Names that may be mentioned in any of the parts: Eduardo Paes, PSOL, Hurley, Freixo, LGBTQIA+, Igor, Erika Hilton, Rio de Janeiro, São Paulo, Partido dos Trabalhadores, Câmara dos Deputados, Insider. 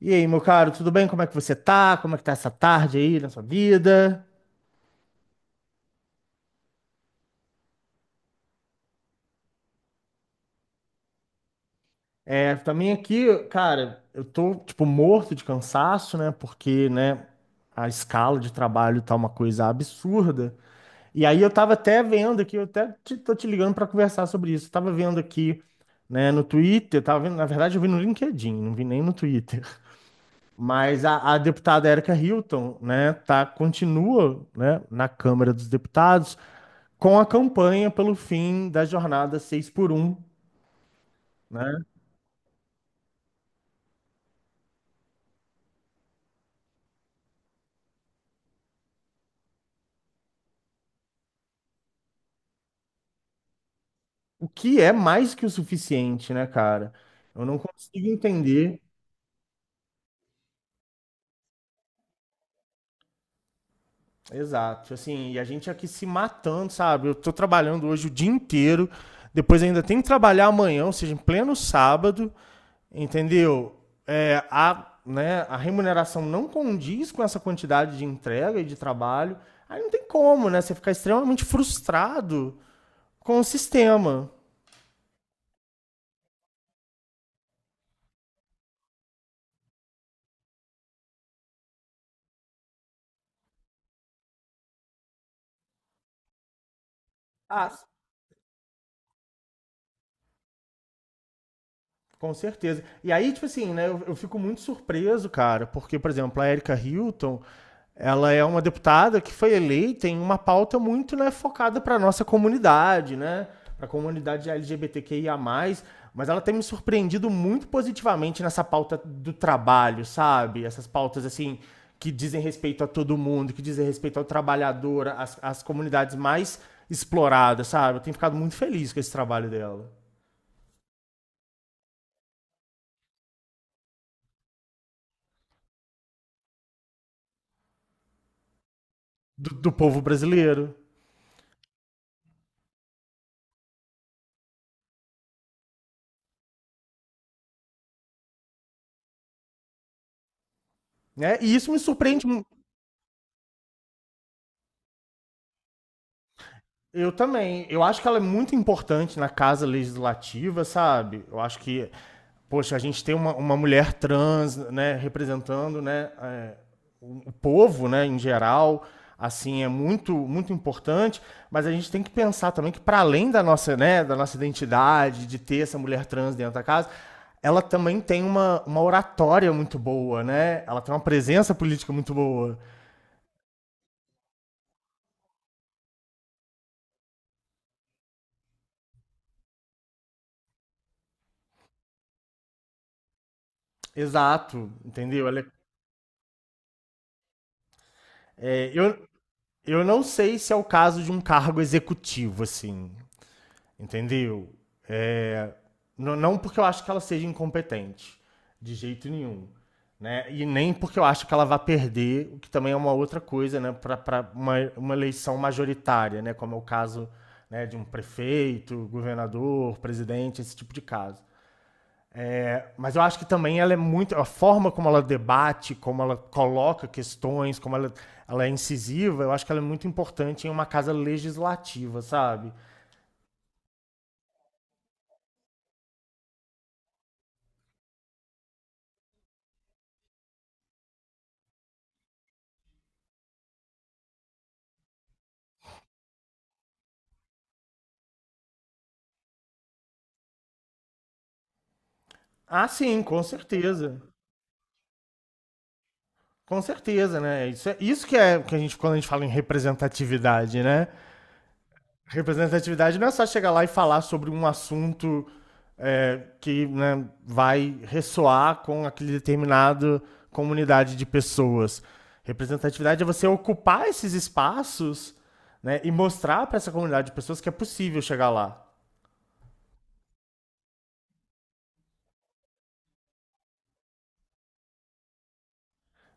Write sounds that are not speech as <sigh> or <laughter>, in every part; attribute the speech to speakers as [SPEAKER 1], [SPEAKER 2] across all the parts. [SPEAKER 1] E aí, meu caro, tudo bem? Como é que você tá? Como é que tá essa tarde aí na sua vida? É, também aqui, cara, eu tô, tipo, morto de cansaço, né? Porque, né, a escala de trabalho tá uma coisa absurda. E aí eu tava até vendo aqui, tô te ligando pra conversar sobre isso. Eu tava vendo aqui, né, no Twitter, tava vendo, na verdade eu vi no LinkedIn, não vi nem no Twitter. <laughs> Mas a deputada Erika Hilton, né, tá, continua, né, na Câmara dos Deputados com a campanha pelo fim da jornada 6x1, né? O que é mais que o suficiente, né, cara? Eu não consigo entender. Exato. Assim, e a gente aqui se matando, sabe? Eu tô trabalhando hoje o dia inteiro, depois ainda tem que trabalhar amanhã, ou seja, em pleno sábado, entendeu? É, né, a remuneração não condiz com essa quantidade de entrega e de trabalho. Aí não tem como, né? Você ficar extremamente frustrado com o sistema. Ah, com certeza. E aí, tipo assim, né, eu fico muito surpreso, cara, porque, por exemplo, a Erika Hilton, ela é uma deputada que foi eleita em uma pauta muito, né, focada para nossa comunidade, né, para a comunidade LGBTQIA+, mas ela tem me surpreendido muito positivamente nessa pauta do trabalho, sabe? Essas pautas, assim, que dizem respeito a todo mundo, que dizem respeito ao trabalhador, às comunidades mais exploradas, sabe? Eu tenho ficado muito feliz com esse trabalho dela, do povo brasileiro. Né? E isso me surpreende. Eu também. Eu acho que ela é muito importante na casa legislativa, sabe? Eu acho que, poxa, a gente tem uma mulher trans, né, representando, né, o povo, né, em geral, assim, é muito, muito importante. Mas a gente tem que pensar também que para além da nossa, né, da nossa identidade, de ter essa mulher trans dentro da casa, ela também tem uma oratória muito boa, né? Ela tem uma presença política muito boa. Exato, entendeu? Ela é- é, eu não sei se é o caso de um cargo executivo, assim, entendeu? É, não porque eu acho que ela seja incompetente, de jeito nenhum, né? E nem porque eu acho que ela vai perder, o que também é uma outra coisa, né? Para uma eleição majoritária, né? Como é o caso, né, de um prefeito, governador, presidente, esse tipo de caso. É, mas eu acho que também ela é muito. A forma como ela debate, como ela coloca questões, como ela é incisiva, eu acho que ela é muito importante em uma casa legislativa, sabe? Ah, sim, com certeza. Com certeza, né? Isso, isso que é que a gente, quando a gente fala em representatividade, né? Representatividade não é só chegar lá e falar sobre um assunto que, né, vai ressoar com aquele determinado comunidade de pessoas. Representatividade é você ocupar esses espaços, né, e mostrar para essa comunidade de pessoas que é possível chegar lá.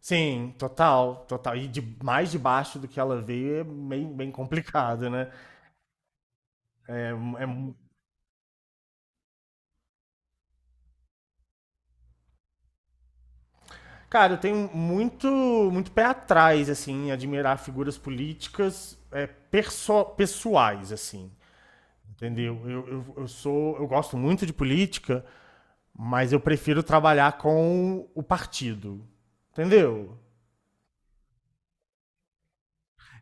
[SPEAKER 1] Sim, total, total. E de mais de baixo do que ela veio é bem, bem complicado, né? É, é. Cara, eu tenho muito, muito pé atrás, assim, em admirar figuras políticas, pessoais, assim. Entendeu? Eu sou. Eu gosto muito de política, mas eu prefiro trabalhar com o partido. Entendeu?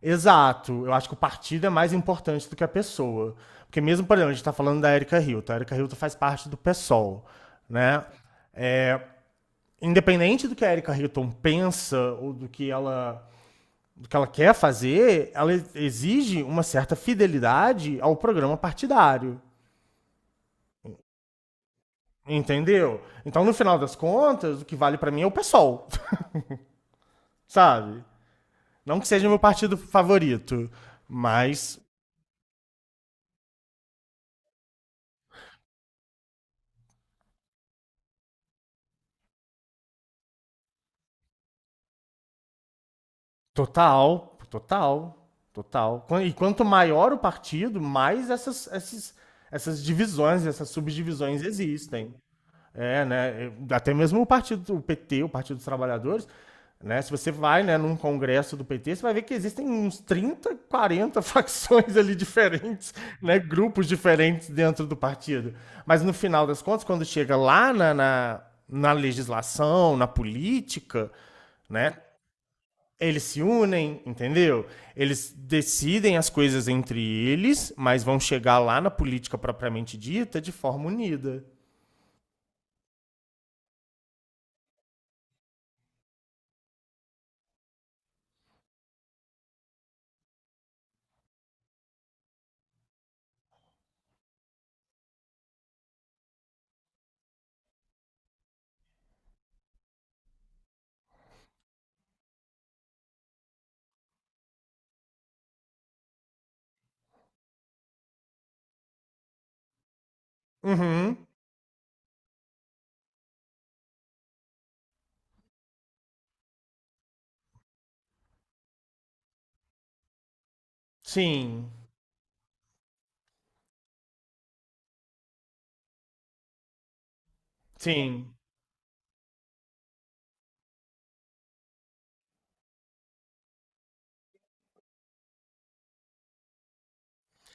[SPEAKER 1] Exato. Eu acho que o partido é mais importante do que a pessoa. Porque mesmo, por exemplo, a gente está falando da Erika Hilton. A Erika Hilton faz parte do PSOL, né? É, independente do que a Erika Hilton pensa ou do que ela quer fazer, ela exige uma certa fidelidade ao programa partidário. Entendeu? Então, no final das contas, o que vale pra mim é o PSOL, <laughs> sabe? Não que seja meu partido favorito, mas total, total, total. E quanto maior o partido, mais essas divisões, essas subdivisões existem. É, né? Até mesmo o partido, o PT, o Partido dos Trabalhadores, né? Se você vai, né, num congresso do PT, você vai ver que existem uns 30, 40 <laughs> facções ali diferentes, né, grupos diferentes dentro do partido. Mas no final das contas, quando chega lá na legislação, na política, né, eles se unem, entendeu? Eles decidem as coisas entre eles, mas vão chegar lá na política propriamente dita de forma unida. Uhum. Sim, Sim,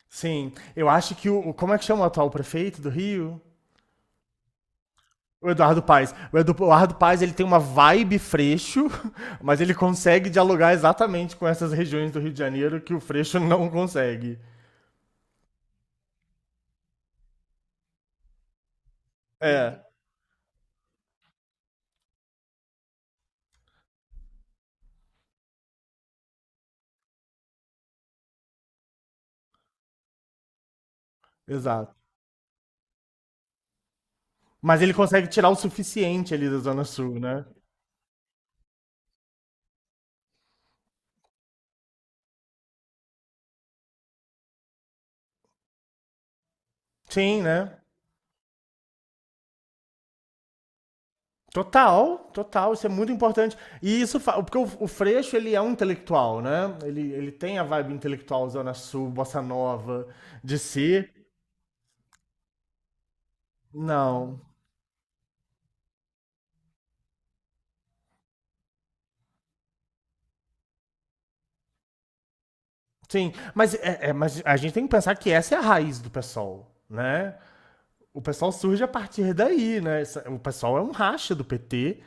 [SPEAKER 1] sim. Eu acho que o. o- Como é que chama o atual prefeito do Rio? O Eduardo Paes. O Eduardo Paes ele tem uma vibe freixo, <laughs> mas ele consegue dialogar exatamente com essas regiões do Rio de Janeiro que o freixo não consegue. É, exato. Mas ele consegue tirar o suficiente ali da Zona Sul, né? Sim, né? Total, total, isso é muito importante. E isso, porque o Freixo, ele é um intelectual, né? Ele tem a vibe intelectual Zona Sul, Bossa Nova, de si. Não. Sim, mas, mas a gente tem que pensar que essa é a raiz do PSOL, né? O PSOL surge a partir daí, né? O PSOL é um racha do PT,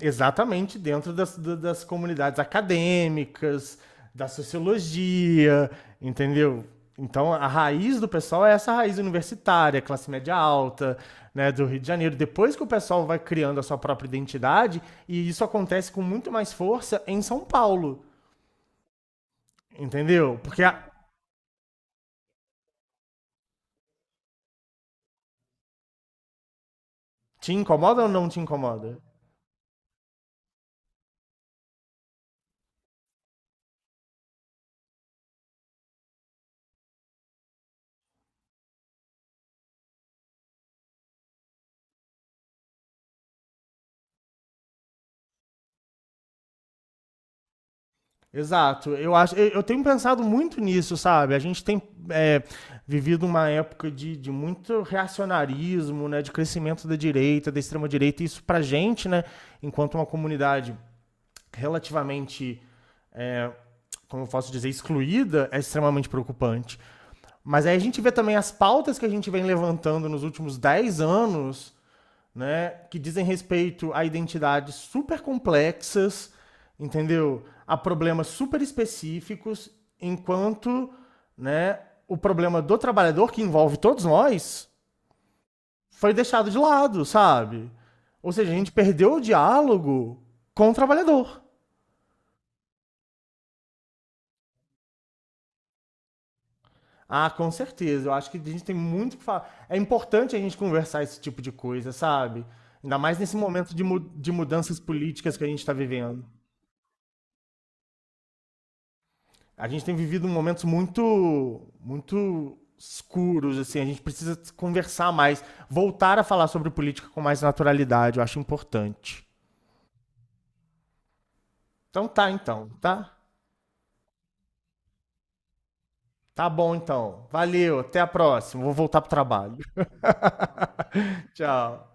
[SPEAKER 1] exatamente dentro das, das comunidades acadêmicas, da sociologia, entendeu? Então, a raiz do PSOL é essa raiz universitária, classe média alta, né, do Rio de Janeiro. Depois que o pessoal vai criando a sua própria identidade, e isso acontece com muito mais força em São Paulo, entendeu? Te incomoda ou não te incomoda? Exato. Eu acho, eu tenho pensado muito nisso, sabe? A gente tem é, vivido uma época de, muito reacionarismo, né? De crescimento da direita, da extrema direita. Isso pra gente, né? Enquanto uma comunidade relativamente, é, como eu posso dizer, excluída, é extremamente preocupante. Mas aí a gente vê também as pautas que a gente vem levantando nos últimos 10 anos, né? Que dizem respeito a identidades super complexas, entendeu? A problemas super específicos, enquanto, né? O problema do trabalhador que envolve todos nós foi deixado de lado, sabe? Ou seja, a gente perdeu o diálogo com o trabalhador. Ah, com certeza. Eu acho que a gente tem muito que falar. É importante a gente conversar esse tipo de coisa, sabe? Ainda mais nesse momento de, mu de mudanças políticas que a gente está vivendo. A gente tem vivido momentos muito, muito escuros, assim. A gente precisa conversar mais, voltar a falar sobre política com mais naturalidade. Eu acho importante. Então tá, então, tá? Tá bom, então. Valeu, até a próxima. Vou voltar pro trabalho. <laughs> Tchau.